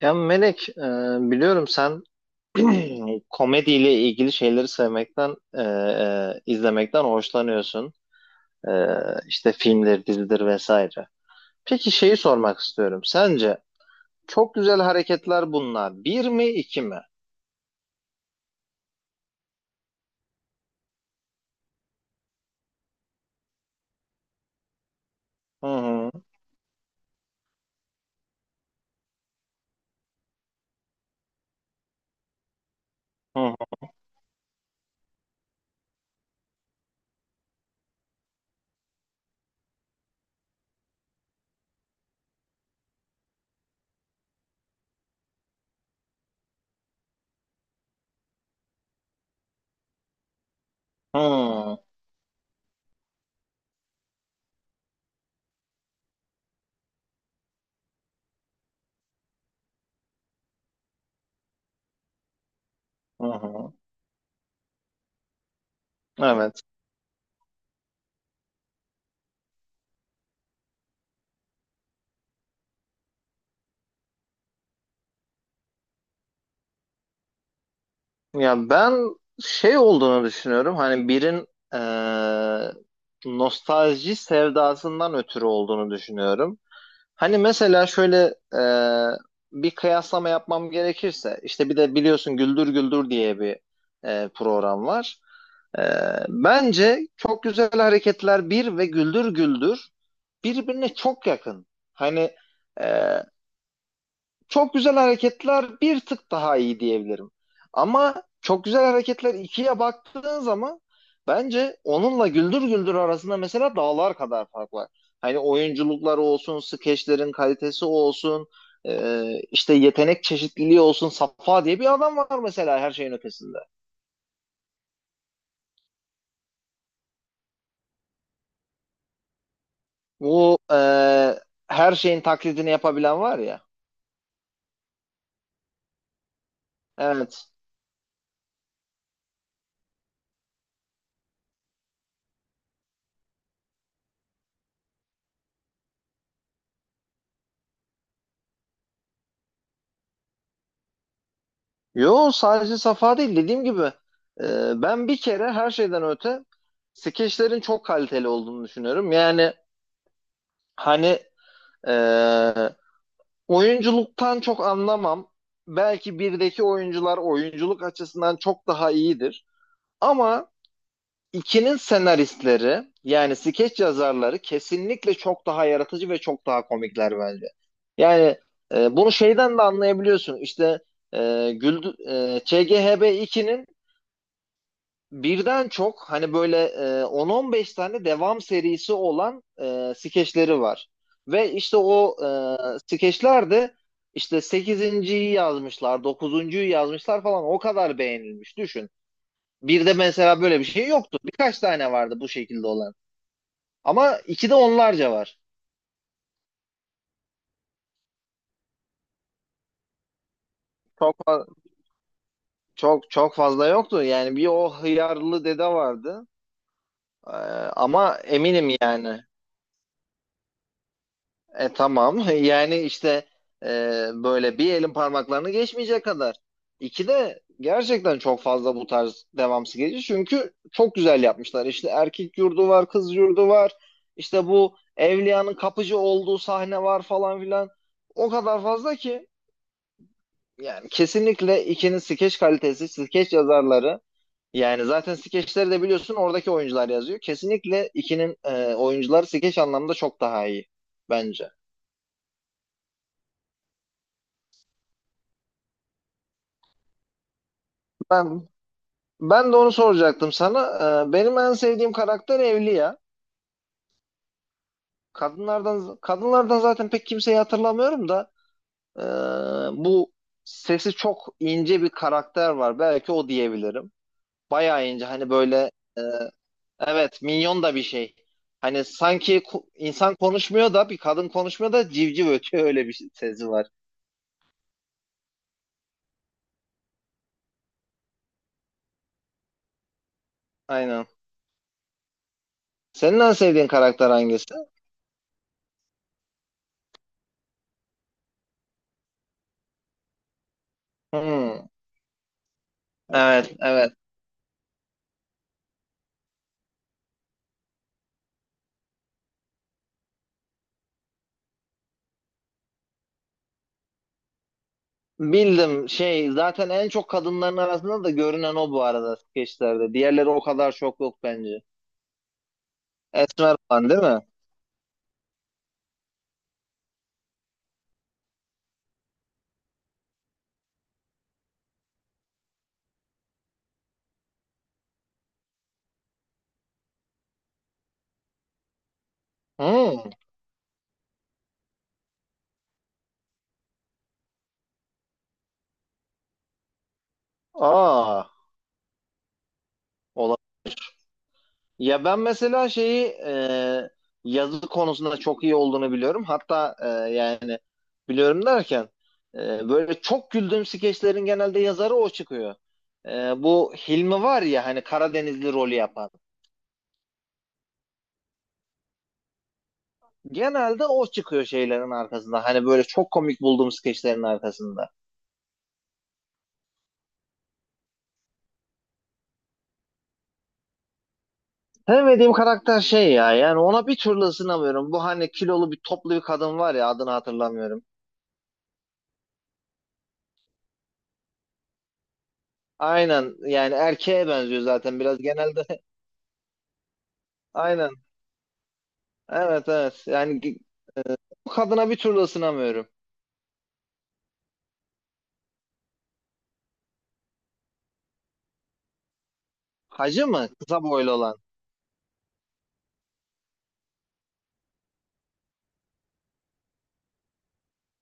Ya Melek, biliyorum sen komediyle ilgili şeyleri sevmekten, izlemekten hoşlanıyorsun. E, işte filmdir, dizidir vesaire. Peki şeyi sormak istiyorum. Sence çok güzel hareketler bunlar. Bir mi, iki mi? Hı hı, hı hı, hı hı, hı hı. Evet. Ya ben şey olduğunu düşünüyorum. Hani birin eee, nostalji sevdasından ötürü olduğunu düşünüyorum. Hani mesela şöyle bir kıyaslama yapmam gerekirse işte bir de biliyorsun Güldür Güldür diye bir program var. Bence Çok Güzel Hareketler bir ve Güldür Güldür birbirine çok yakın. Hani e, çok güzel hareketler bir tık daha iyi diyebilirim. Ama çok güzel hareketler ikiye baktığın zaman bence onunla Güldür Güldür arasında mesela dağlar kadar fark var. Hani oyunculukları olsun, skeçlerin kalitesi olsun, e, işte yetenek çeşitliliği olsun. Safa diye bir adam var mesela her şeyin ötesinde. Bu her şeyin taklidini yapabilen var ya. Evet. Yo, sadece Safa değil, dediğim gibi e, ben bir kere her şeyden öte skeçlerin çok kaliteli olduğunu düşünüyorum. Yani hani e, oyunculuktan çok anlamam. Belki birdeki oyuncular oyunculuk açısından çok daha iyidir. Ama ikinin senaristleri yani skeç yazarları kesinlikle çok daha yaratıcı ve çok daha komikler bence. Yani bunu şeyden de anlayabiliyorsun. İşte ÇGHB 2'nin birden çok hani böyle 10-15 tane devam serisi olan skeçleri var. Ve işte o skeçler de işte sekizinciyi yazmışlar, dokuzuncuyu yazmışlar falan, o kadar beğenilmiş düşün. Bir de mesela böyle bir şey yoktu. Birkaç tane vardı bu şekilde olan. Ama iki de onlarca var. Çok fa- çok çok fazla yoktu. Yani bir o hıyarlı dede vardı. E, ama eminim yani. Tamam. Yani işte e, böyle bir elin parmaklarını geçmeyecek kadar. İki de gerçekten çok fazla bu tarz devamsız geliyor. Çünkü çok güzel yapmışlar. İşte erkek yurdu var, kız yurdu var. İşte bu Evliya'nın kapıcı olduğu sahne var falan filan. O kadar fazla ki. Yani kesinlikle ikinin skeç kalitesi, skeç yazarları. Yani zaten skeçleri de biliyorsun oradaki oyuncular yazıyor. Kesinlikle ikinin oyuncuları skeç anlamında çok daha iyi bence. Ben Ben de onu soracaktım sana. Benim en sevdiğim karakter Evliya. Kadınlardan zaten pek kimseyi hatırlamıyorum da ee, bu sesi çok ince bir karakter var. Belki o diyebilirim. Bayağı ince hani böyle, ee, evet, minyon da bir şey. Hani sanki insan konuşmuyor da, bir kadın konuşmuyor da civciv ötüyor, öyle bir sesi var. Aynen. Senin en sevdiğin karakter hangisi? Hmm, evet, evet. Bildim. Şey zaten en çok kadınların arasında da görünen o bu arada skeçlerde. Diğerleri o kadar çok yok bence. Esmer falan değil mi? Hmm. Aa, ola. Ya ben mesela şeyi, yazı konusunda çok iyi olduğunu biliyorum. Hatta yani biliyorum derken böyle çok güldüğüm skeçlerin genelde yazarı o çıkıyor. Bu Hilmi var ya hani, Karadenizli rolü yapan. Genelde o çıkıyor şeylerin arkasında. Hani böyle çok komik bulduğum skeçlerin arkasında. Sevmediğim karakter şey ya, yani ona bir türlü ısınamıyorum. Bu hani kilolu bir, toplu bir kadın var ya, adını hatırlamıyorum. Aynen, yani erkeğe benziyor zaten biraz genelde. Aynen, evet, evet, yani bu kadına bir türlü ısınamıyorum. Hacı mı? Kısa boylu olan.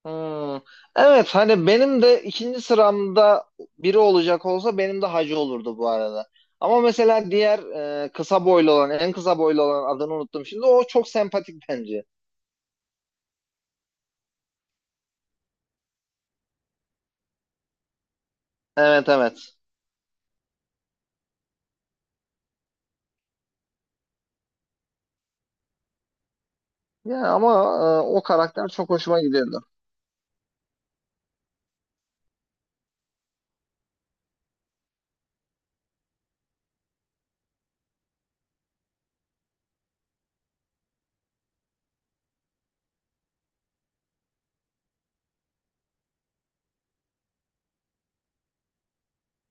Hmm. Evet, hani benim de ikinci sıramda biri olacak olsa benim de hacı olurdu bu arada. Ama mesela diğer kısa boylu olan, en kısa boylu olan, adını unuttum şimdi, o çok sempatik bence. Evet, evet. Yani ama o karakter çok hoşuma gidiyordu.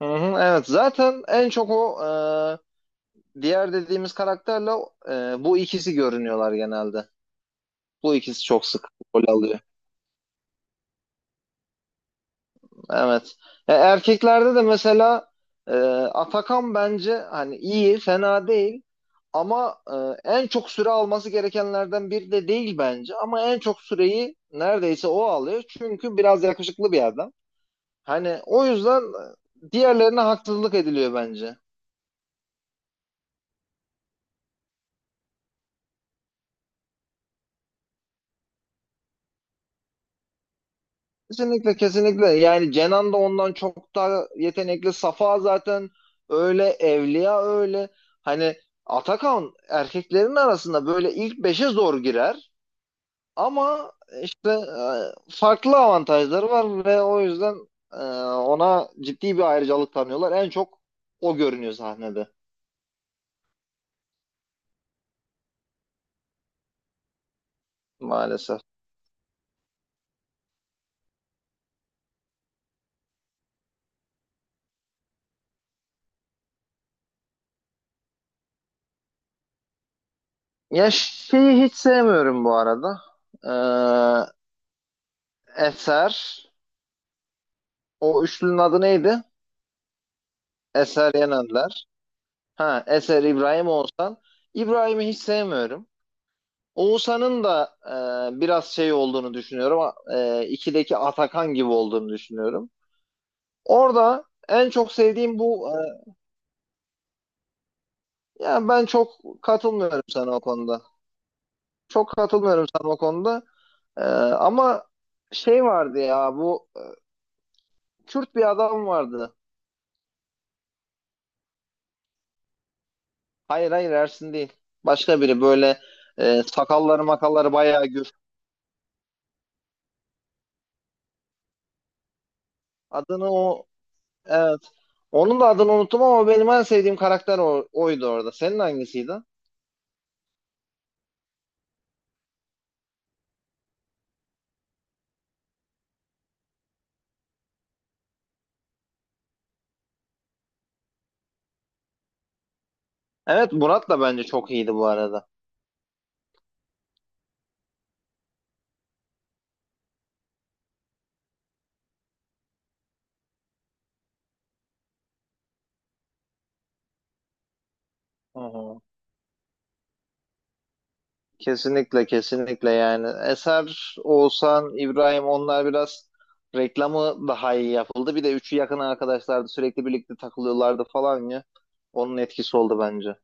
Hı hı, evet, zaten en çok o diğer dediğimiz karakterle bu ikisi görünüyorlar genelde. Bu ikisi çok sık rol alıyor. Evet. Erkeklerde de mesela Atakan bence hani iyi, fena değil. Ama en çok süre alması gerekenlerden biri de değil bence. Ama en çok süreyi neredeyse o alıyor. Çünkü biraz yakışıklı bir adam. Hani o yüzden diğerlerine haksızlık ediliyor bence. Kesinlikle, kesinlikle. Yani Cenan da ondan çok daha yetenekli, Safa zaten öyle, Evliya öyle. Hani Atakan erkeklerin arasında böyle ilk beşe zor girer, ama işte farklı avantajları var ve o yüzden e, ona ciddi bir ayrıcalık tanıyorlar, en çok o görünüyor sahnede maalesef. Ya şeyi hiç sevmiyorum bu arada. Ee, Eser, o üçlünün adı neydi? Eser Yenenler. Ha, Eser, İbrahim, Oğuzhan. İbrahim'i hiç sevmiyorum. Oğuzhan'ın da biraz şey olduğunu düşünüyorum. E, ikideki Atakan gibi olduğunu düşünüyorum. Orada en çok sevdiğim bu. Yani ben çok katılmıyorum sana o konuda. Çok katılmıyorum sana o konuda. E, ama şey vardı ya, bu Kürt bir adam vardı. Hayır, hayır, Ersin değil. Başka biri, böyle sakalları makalları bayağı gür. Adını o. Evet. Onun da adını unuttum ama benim en sevdiğim karakter oydu orada. Senin hangisiydi? Evet, Murat da bence çok iyiydi bu arada. Hı hı. Kesinlikle, kesinlikle. Yani Eser, Oğuzhan, İbrahim, onlar biraz reklamı daha iyi yapıldı. Bir de üçü yakın arkadaşlardı, sürekli birlikte takılıyorlardı falan ya. Onun etkisi oldu bence.